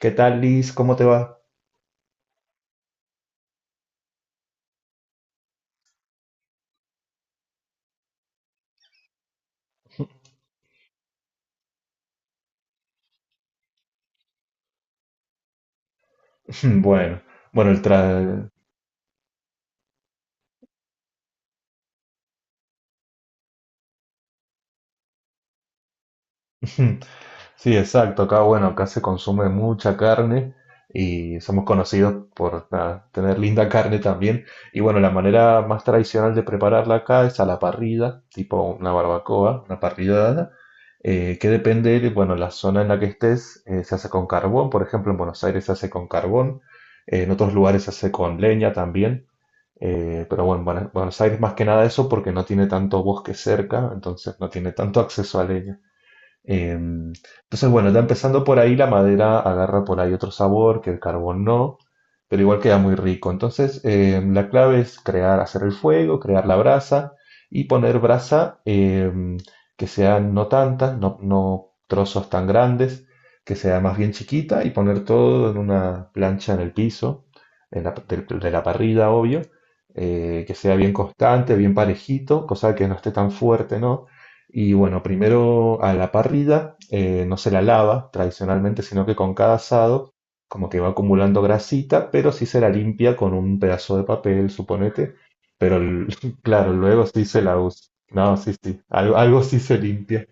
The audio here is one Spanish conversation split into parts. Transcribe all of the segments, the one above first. ¿Qué tal, Liz? ¿Cómo te va? Bueno, bueno, el tra... Sí, exacto. Acá, bueno, acá se consume mucha carne y somos conocidos por nada, tener linda carne también. Y bueno, la manera más tradicional de prepararla acá es a la parrilla, tipo una barbacoa, una parrillada, que depende de, bueno, la zona en la que estés, se hace con carbón. Por ejemplo, en Buenos Aires se hace con carbón, en otros lugares se hace con leña también. Pero bueno, Buenos Aires más que nada eso porque no tiene tanto bosque cerca, entonces no tiene tanto acceso a leña. Entonces, bueno, ya empezando por ahí, la madera agarra por ahí otro sabor que el carbón no, pero igual queda muy rico. Entonces, la clave es crear, hacer el fuego, crear la brasa y poner brasa que sean no tantas, no, trozos tan grandes, que sea más bien chiquita y poner todo en una plancha en el piso, de, la parrilla, obvio, que sea bien constante, bien parejito, cosa que no esté tan fuerte, ¿no? Y bueno, primero a la parrilla no se la lava tradicionalmente, sino que con cada asado como que va acumulando grasita, pero sí se la limpia con un pedazo de papel, suponete. Pero claro, luego sí se la usa. No, sí, sí, algo, algo sí se limpia.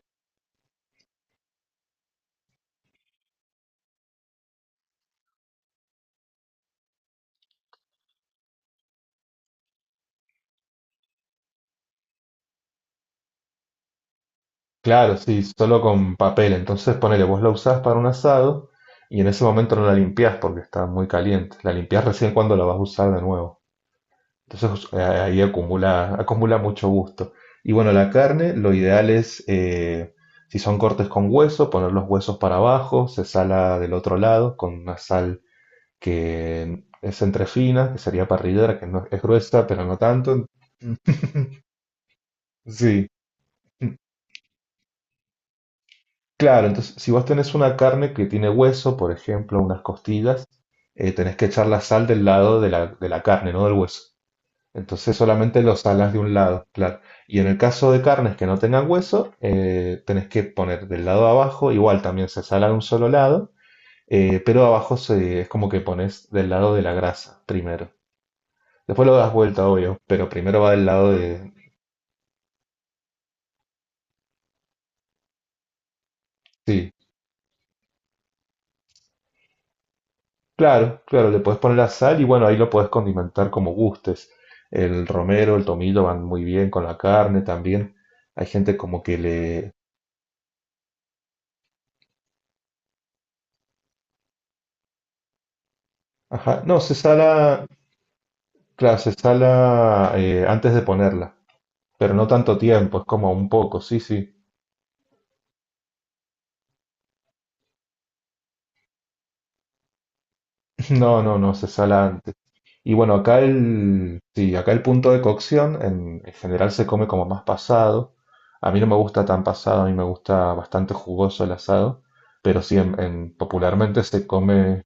Claro, sí, solo con papel. Entonces ponele, vos la usás para un asado y en ese momento no la limpiás porque está muy caliente. La limpiás recién cuando la vas a usar de nuevo. Entonces ahí acumula, acumula mucho gusto. Y bueno, la carne, lo ideal es, si son cortes con hueso, poner los huesos para abajo, se sala del otro lado con una sal que es entre fina, que sería parrillera, que no es gruesa, pero no tanto. Sí, claro, entonces si vos tenés una carne que tiene hueso, por ejemplo, unas costillas, tenés que echar la sal del lado de la, carne, no del hueso. Entonces solamente los alas de un lado, claro. Y en el caso de carnes que no tengan hueso, tenés que poner del lado de abajo, igual también se sala de un solo lado, pero abajo es como que pones del lado de la grasa primero. Después lo das vuelta, obvio, pero primero va del lado de... Sí, claro, claro, le puedes poner la sal y bueno, ahí lo puedes condimentar como gustes. El romero, el tomillo van muy bien con la carne también. Hay gente como que le... Ajá, no, se sala, claro, se sala antes de ponerla, pero no tanto tiempo, es como un poco, sí, sí. No, no, no, se sala antes. Y bueno, acá el, sí, acá el punto de cocción en general se come como más pasado. A mí no me gusta tan pasado, a mí me gusta bastante jugoso el asado, pero sí, en, popularmente se come,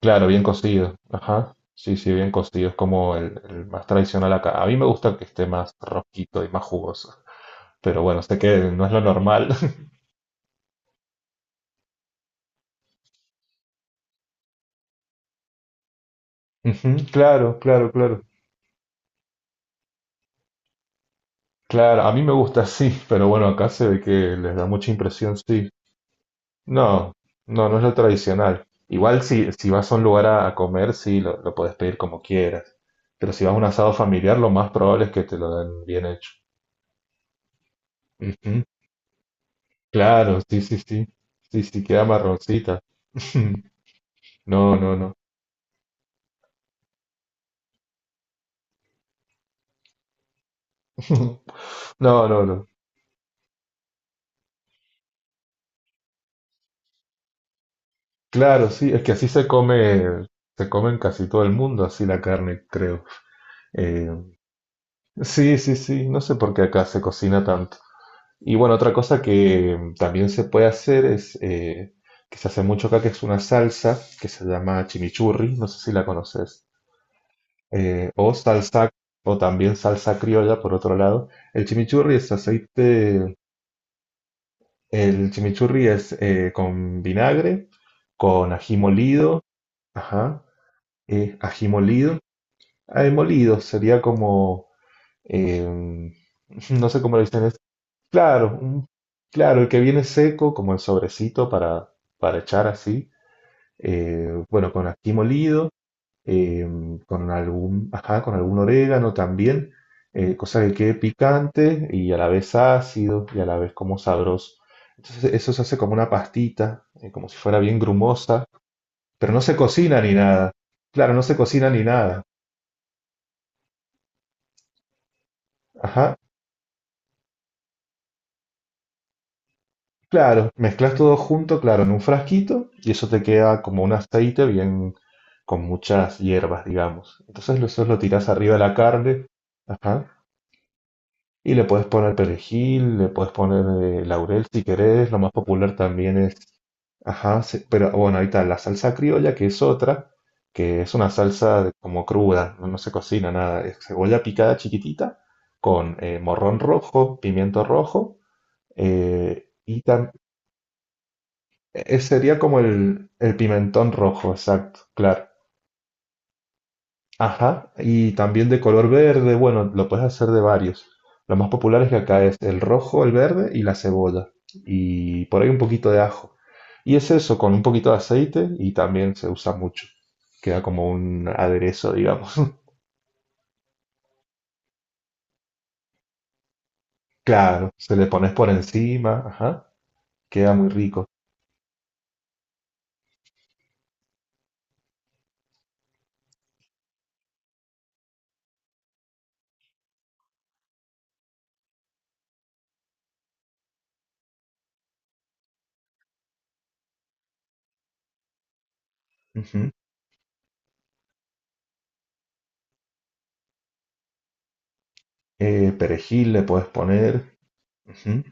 claro, bien cocido. Ajá, sí, sí, bien cocido, es como el más tradicional acá. A mí me gusta que esté más rojito y más jugoso, pero bueno, sé que no es lo normal. Ujú, claro, claro, claro. Claro, a mí me gusta así, pero bueno, acá se ve que les da mucha impresión, sí. No, no, no es lo tradicional. Igual si, si vas a un lugar a comer, sí, lo puedes pedir como quieras. Pero si vas a un asado familiar, lo más probable es que te lo den bien hecho. Ujú, claro, sí, sí, sí. Sí, sí, queda marroncita. No, no, no. No, no, no. Claro, sí, es que así se come en casi todo el mundo, así la carne, creo. Eh, Sí, sí, sí, no sé por qué acá se cocina tanto. Y bueno, otra cosa que también se puede hacer es, que se hace mucho acá, que es una salsa que se llama chimichurri, no sé si la conoces, o salsa, o también salsa criolla, por otro lado. El chimichurri es aceite, el chimichurri es con vinagre, con ají molido, ajá, eh, ají molido, ají molido sería como, em, no sé cómo lo dicen. Claro, claro, el que viene seco, como el sobrecito para echar así, bueno, con ají molido, eh, con algún, ajá, con algún orégano también, cosa que quede picante y a la vez ácido y a la vez como sabroso. Entonces eso se hace como una pastita, como si fuera bien grumosa, pero no se cocina ni nada. Claro, no se cocina ni nada. Ajá, claro, mezclas todo junto, claro, en un frasquito y eso te queda como un aceite bien con muchas hierbas, digamos. Entonces eso lo tiras arriba de la carne, ajá, y le puedes poner perejil, le puedes poner laurel si querés, lo más popular también es, ajá, pero bueno, ahí está la salsa criolla que es otra, que es una salsa de- como cruda, no no se cocina nada, es cebolla picada chiquitita con morrón rojo, pimiento rojo. Y sería como el pimentón rojo, exacto, claro. Ajá, y también de color verde, bueno, lo puedes hacer de varios. Lo más populares que acá es el rojo, el verde y la cebolla. Y por ahí un poquito de ajo. Y es eso, con un poquito de aceite y también se usa mucho. Queda como un aderezo, digamos. Claro, se le pones por encima, ajá, queda muy rico. Ujú. Perejil le puedes poner, ujú.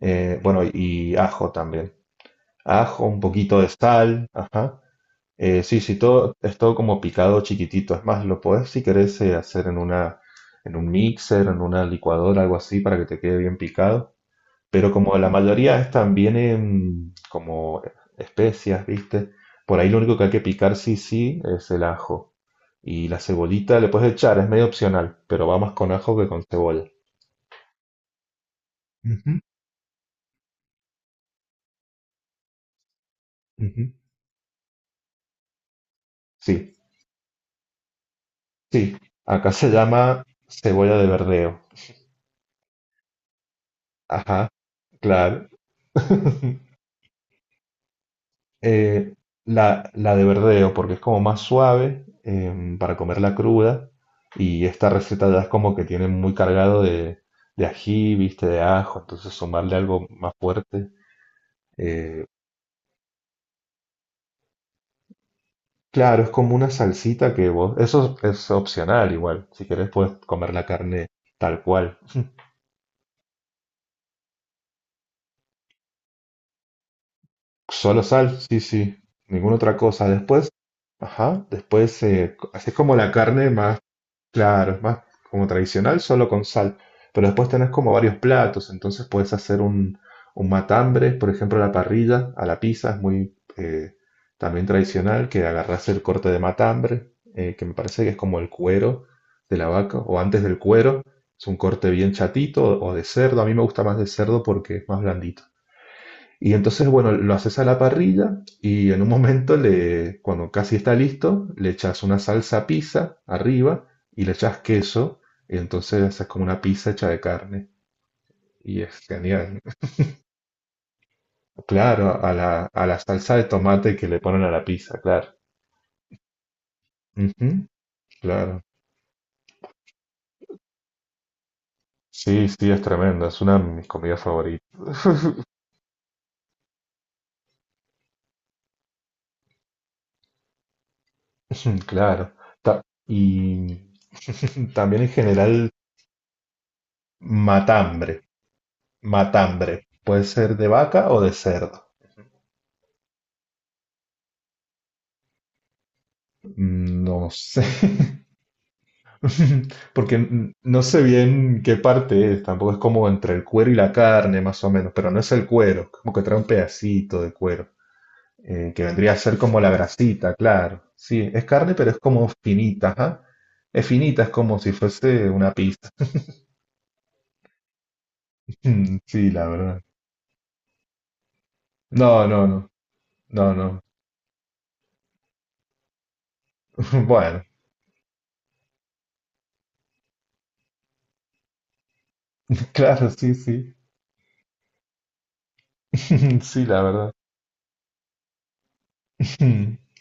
Bueno, y ajo también. Ajo, un poquito de sal, ajá. Sí, sí, todo, es todo como picado chiquitito. Es más, lo puedes, si querés, hacer en una, en un mixer, en una licuadora, algo así, para que te quede bien picado. Pero como la mayoría están, vienen como especias, ¿viste? Por ahí lo único que hay que picar, sí, sí, es el ajo. Y la cebolita le puedes echar, es medio opcional, pero va más con ajo que con cebolla. Ujú, ujú. Sí, sí. Acá se llama cebolla de verdeo. Ajá, claro. Eh, la, la de verdeo, porque es como más suave para comerla cruda. Y esta receta ya es como que tiene muy cargado de ají, viste, de ajo. Entonces sumarle algo más fuerte. eh, claro, es como una salsita que vos... Eso es opcional igual. Si querés puedes comer la carne tal cual. Solo sal, sí, sí. Ninguna otra cosa. Después, ajá, después así como la carne más claro, es más como tradicional, solo con sal. Pero después tenés como varios platos, entonces puedes hacer un matambre, por ejemplo, a la parrilla, a la pizza, es muy también tradicional que agarrás el corte de matambre, que me parece que es como el cuero de la vaca, o antes del cuero, es un corte bien chatito o de cerdo. A mí me gusta más de cerdo porque es más blandito. Y entonces, bueno, lo haces a la parrilla y en un momento, le, cuando casi está listo, le echas una salsa pizza arriba y le echas queso. Y entonces haces como una pizza hecha de carne. Y es genial. Claro, a la salsa de tomate que le ponen a la pizza, claro. Ujú, claro. Sí, sí, es tremendo. Es una de mis comidas favoritas. Claro. Ta- y también en general, matambre. Matambre. Puede ser de vaca o de cerdo. No sé, porque no sé bien qué parte es, tampoco es como entre el cuero y la carne, más o menos, pero no es el cuero, como que trae un pedacito de cuero, que vendría a ser como la grasita, claro. Sí, es carne, pero es como finita, ajá. Es finita, es como si fuese una pizza. Sí, la verdad. No, no, no, no, no. Bueno, claro, sí, sí. Sí, la verdad.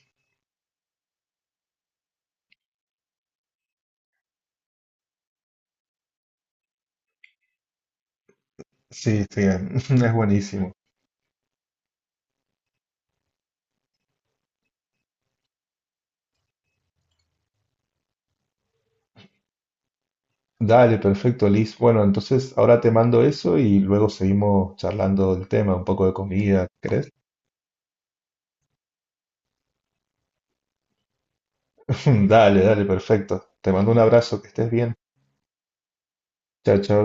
Sí, sí, es buenísimo. Dale, perfecto, Liz. Bueno, entonces ahora te mando eso y luego seguimos charlando del tema, un poco de comida, ¿crees? Dale, dale, perfecto. Te mando un abrazo, que estés bien. Chao, chao.